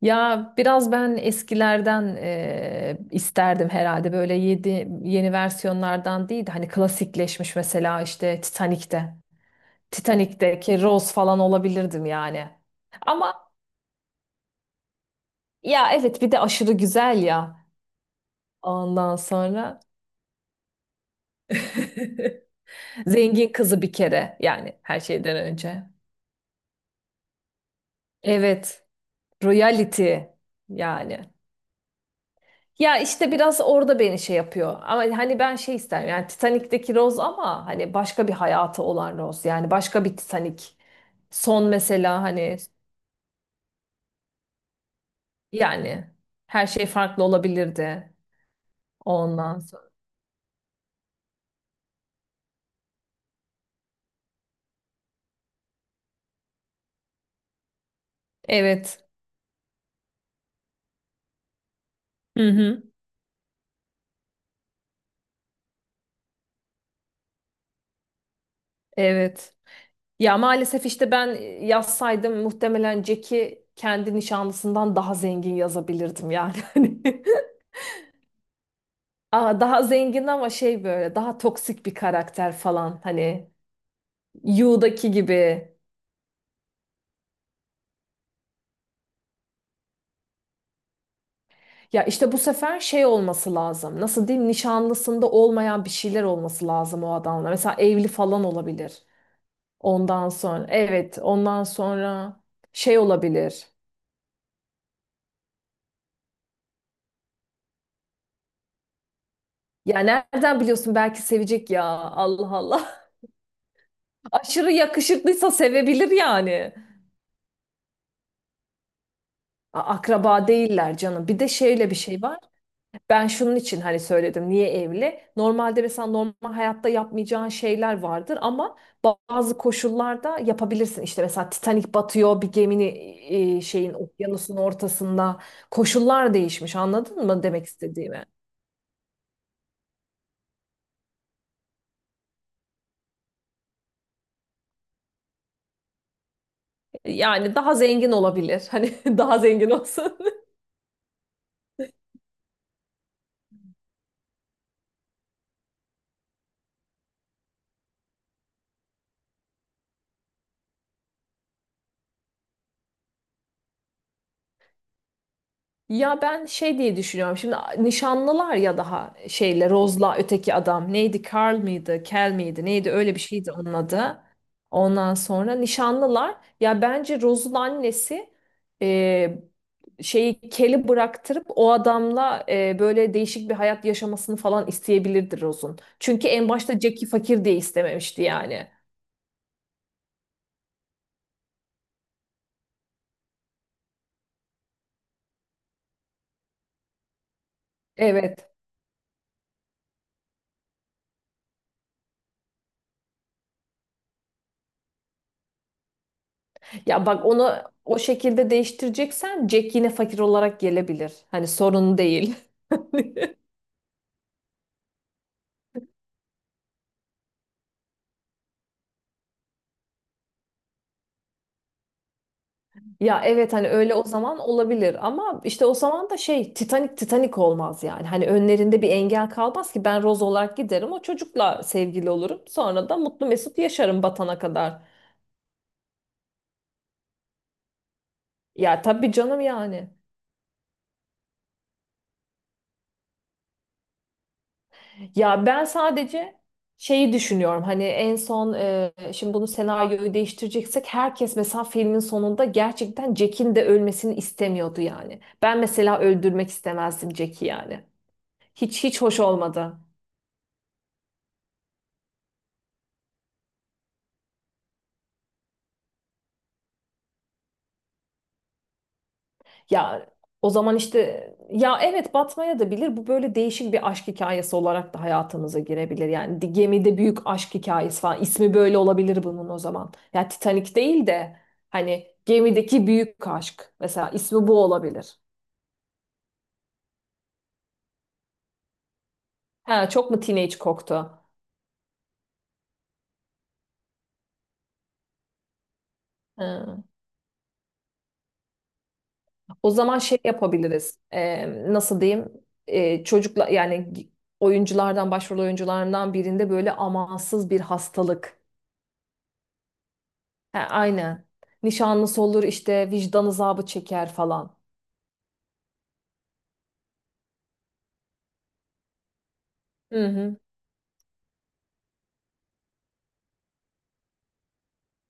Ya biraz ben eskilerden isterdim herhalde böyle yeni versiyonlardan değil de hani klasikleşmiş mesela işte Titanic'te. Titanic'teki Rose falan olabilirdim yani. Ama ya evet bir de aşırı güzel ya ondan sonra. Zengin kızı bir kere yani her şeyden önce. Evet, royalty yani. Ya işte biraz orada beni şey yapıyor. Ama hani ben şey isterim yani Titanik'teki Rose ama hani başka bir hayatı olan Rose. Yani başka bir Titanik. Son mesela hani yani her şey farklı olabilirdi ondan sonra. Evet. Hı hı. Evet. Ya maalesef işte ben yazsaydım muhtemelen Jack'i kendi nişanlısından daha zengin yazabilirdim yani. Hani Aa, daha zengin ama şey böyle daha toksik bir karakter falan hani Yu'daki gibi. Ya işte bu sefer şey olması lazım. Nasıl diyeyim? Nişanlısında olmayan bir şeyler olması lazım o adamla. Mesela evli falan olabilir. Ondan sonra evet, ondan sonra şey olabilir. Ya nereden biliyorsun belki sevecek ya. Allah Allah. Aşırı yakışıklıysa sevebilir yani. Akraba değiller canım. Bir de şeyle bir şey var. Ben şunun için hani söyledim niye evli? Normalde mesela normal hayatta yapmayacağın şeyler vardır ama bazı koşullarda yapabilirsin. İşte mesela Titanic batıyor bir gemini şeyin okyanusun ortasında koşullar değişmiş anladın mı demek istediğimi? Yani daha zengin olabilir. Hani daha zengin olsun. Ya ben şey diye düşünüyorum. Şimdi nişanlılar ya daha şeyle Rose'la öteki adam neydi? Carl mıydı? Kel miydi? Neydi? Öyle bir şeydi onun adı. Ondan sonra nişanlılar. Ya bence Rose'un annesi e, şeyi Kel'i bıraktırıp o adamla böyle değişik bir hayat yaşamasını falan isteyebilirdi Rose'un. Çünkü en başta Jack'i fakir diye istememişti yani. Evet. Ya bak onu o şekilde değiştireceksen Jack yine fakir olarak gelebilir. Hani sorun değil. Ya evet hani öyle o zaman olabilir ama işte o zaman da şey Titanic olmaz yani. Hani önlerinde bir engel kalmaz ki ben Rose olarak giderim o çocukla sevgili olurum. Sonra da mutlu mesut yaşarım batana kadar. Ya tabii canım yani. Ya ben sadece şeyi düşünüyorum hani en son şimdi bunu senaryoyu değiştireceksek herkes mesela filmin sonunda gerçekten Jack'in de ölmesini istemiyordu yani. Ben mesela öldürmek istemezdim Jack'i yani. Hiç hiç hoş olmadı. Ya o zaman işte ya evet batmaya da bilir. Bu böyle değişik bir aşk hikayesi olarak da hayatımıza girebilir. Yani gemide büyük aşk hikayesi falan. İsmi böyle olabilir bunun o zaman. Ya Titanic değil de hani gemideki büyük aşk. Mesela ismi bu olabilir. Ha, çok mu teenage koktu? Ha. O zaman şey yapabiliriz. Nasıl diyeyim? Çocukla yani oyunculardan başrol oyuncularından birinde böyle amansız bir hastalık. He, aynen. Nişanlısı olur işte vicdan azabı çeker falan. Hı hı.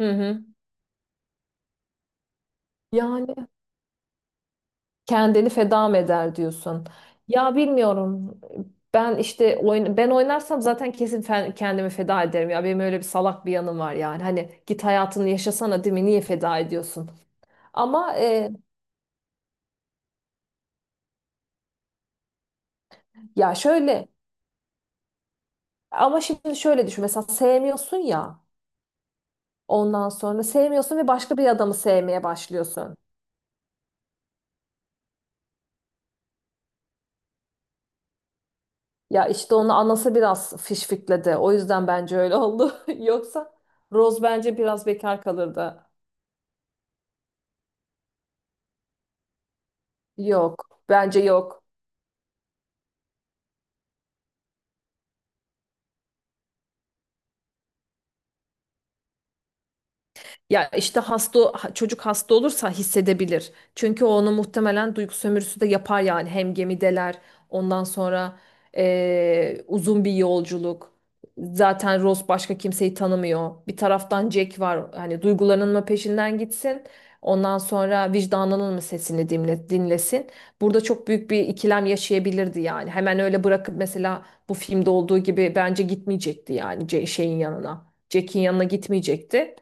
Hı hı. Yani kendini feda mı eder diyorsun. Ya bilmiyorum. Ben işte ben oynarsam zaten kesin kendimi feda ederim ya. Benim öyle bir salak bir yanım var yani. Hani git hayatını yaşasana değil mi? Niye feda ediyorsun? Ama e, ya şöyle Ama şimdi şöyle düşün. Mesela sevmiyorsun ya. Ondan sonra sevmiyorsun ve başka bir adamı sevmeye başlıyorsun. Ya işte onu anası biraz fişfikledi. O yüzden bence öyle oldu. Yoksa Rose bence biraz bekar kalırdı. Yok. Bence yok. Ya işte çocuk hasta olursa hissedebilir. Çünkü o onu muhtemelen duygu sömürüsü de yapar yani hem gemideler ondan sonra uzun bir yolculuk. Zaten Ross başka kimseyi tanımıyor. Bir taraftan Jack var. Hani duygularının mı peşinden gitsin? Ondan sonra vicdanının mı sesini dinlesin? Burada çok büyük bir ikilem yaşayabilirdi yani. Hemen öyle bırakıp mesela bu filmde olduğu gibi bence gitmeyecekti yani şeyin yanına. Jack'in yanına gitmeyecekti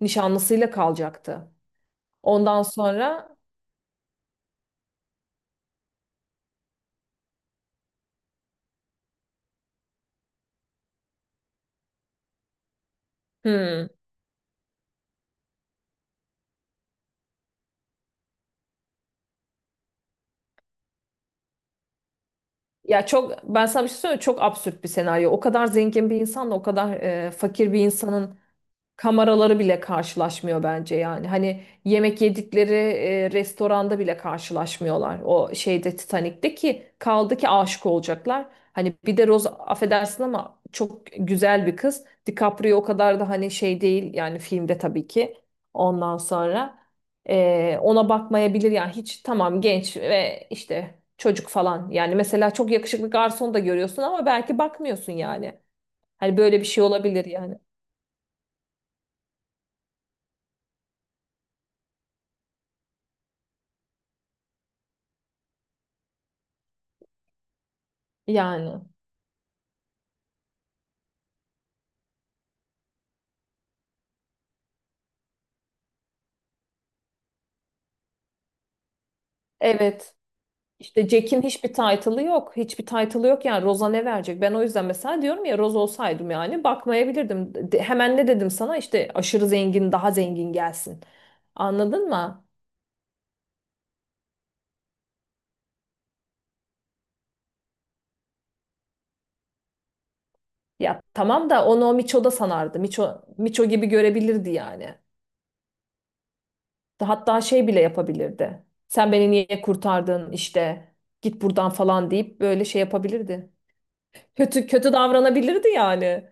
nişanlısıyla kalacaktı. Ondan sonra hmm, ya çok ben sana bir şey söyleyeyim mi? Çok absürt bir senaryo. O kadar zengin bir insanla o kadar fakir bir insanın kameraları bile karşılaşmıyor bence yani. Hani yemek yedikleri restoranda bile karşılaşmıyorlar. O şeyde Titanik'te ki kaldı ki aşık olacaklar. Hani bir de Rose affedersin ama çok güzel bir kız. DiCaprio o kadar da hani şey değil yani filmde tabii ki. Ondan sonra ona bakmayabilir yani hiç tamam genç ve işte çocuk falan. Yani mesela çok yakışıklı garson da görüyorsun ama belki bakmıyorsun yani. Hani böyle bir şey olabilir yani. Yani. Evet. İşte Jack'in hiçbir title'ı yok. Hiçbir title'ı yok yani. Roza ne verecek? Ben o yüzden mesela diyorum ya Roz olsaydım yani bakmayabilirdim. Hemen ne dedim sana? İşte aşırı zengin daha zengin gelsin. Anladın mı? Ya tamam da onu o Miço da sanardı. Miço gibi görebilirdi yani. Hatta şey bile yapabilirdi. Sen beni niye kurtardın işte git buradan falan deyip böyle şey yapabilirdi. Kötü kötü davranabilirdi yani.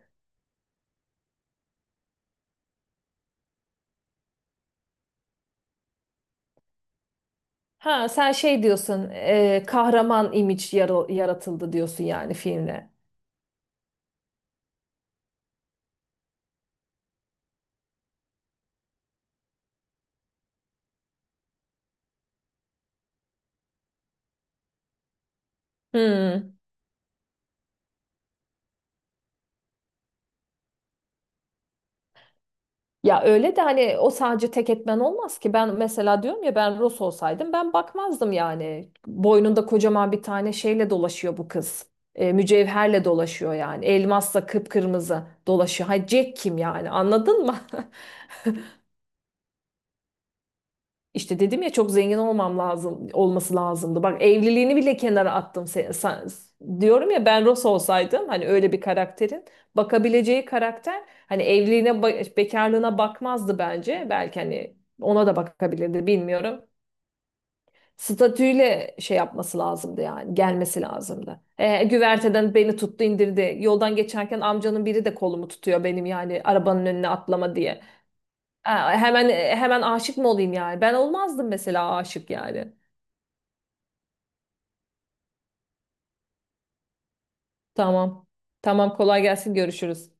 Ha sen şey diyorsun kahraman imaj yaratıldı diyorsun yani filmle. Hmm. Ya öyle de hani o sadece tek etmen olmaz ki. Ben mesela diyorum ya ben Ross olsaydım ben bakmazdım yani. Boynunda kocaman bir tane şeyle dolaşıyor bu kız. Mücevherle dolaşıyor yani. Elmasla kıpkırmızı dolaşıyor. Ha Jack kim yani anladın mı? İşte dedim ya çok zengin olmam lazım olması lazımdı. Bak evliliğini bile kenara attım. Diyorum ya ben Ross olsaydım hani öyle bir karakterin bakabileceği karakter hani evliliğine bekarlığına bakmazdı bence. Belki hani ona da bakabilirdi bilmiyorum. Statüyle şey yapması lazımdı yani gelmesi lazımdı. E, güverteden beni tuttu indirdi. Yoldan geçerken amcanın biri de kolumu tutuyor benim yani arabanın önüne atlama diye. Aa, hemen hemen aşık mı olayım yani? Ben olmazdım mesela aşık yani. Tamam. Tamam kolay gelsin görüşürüz.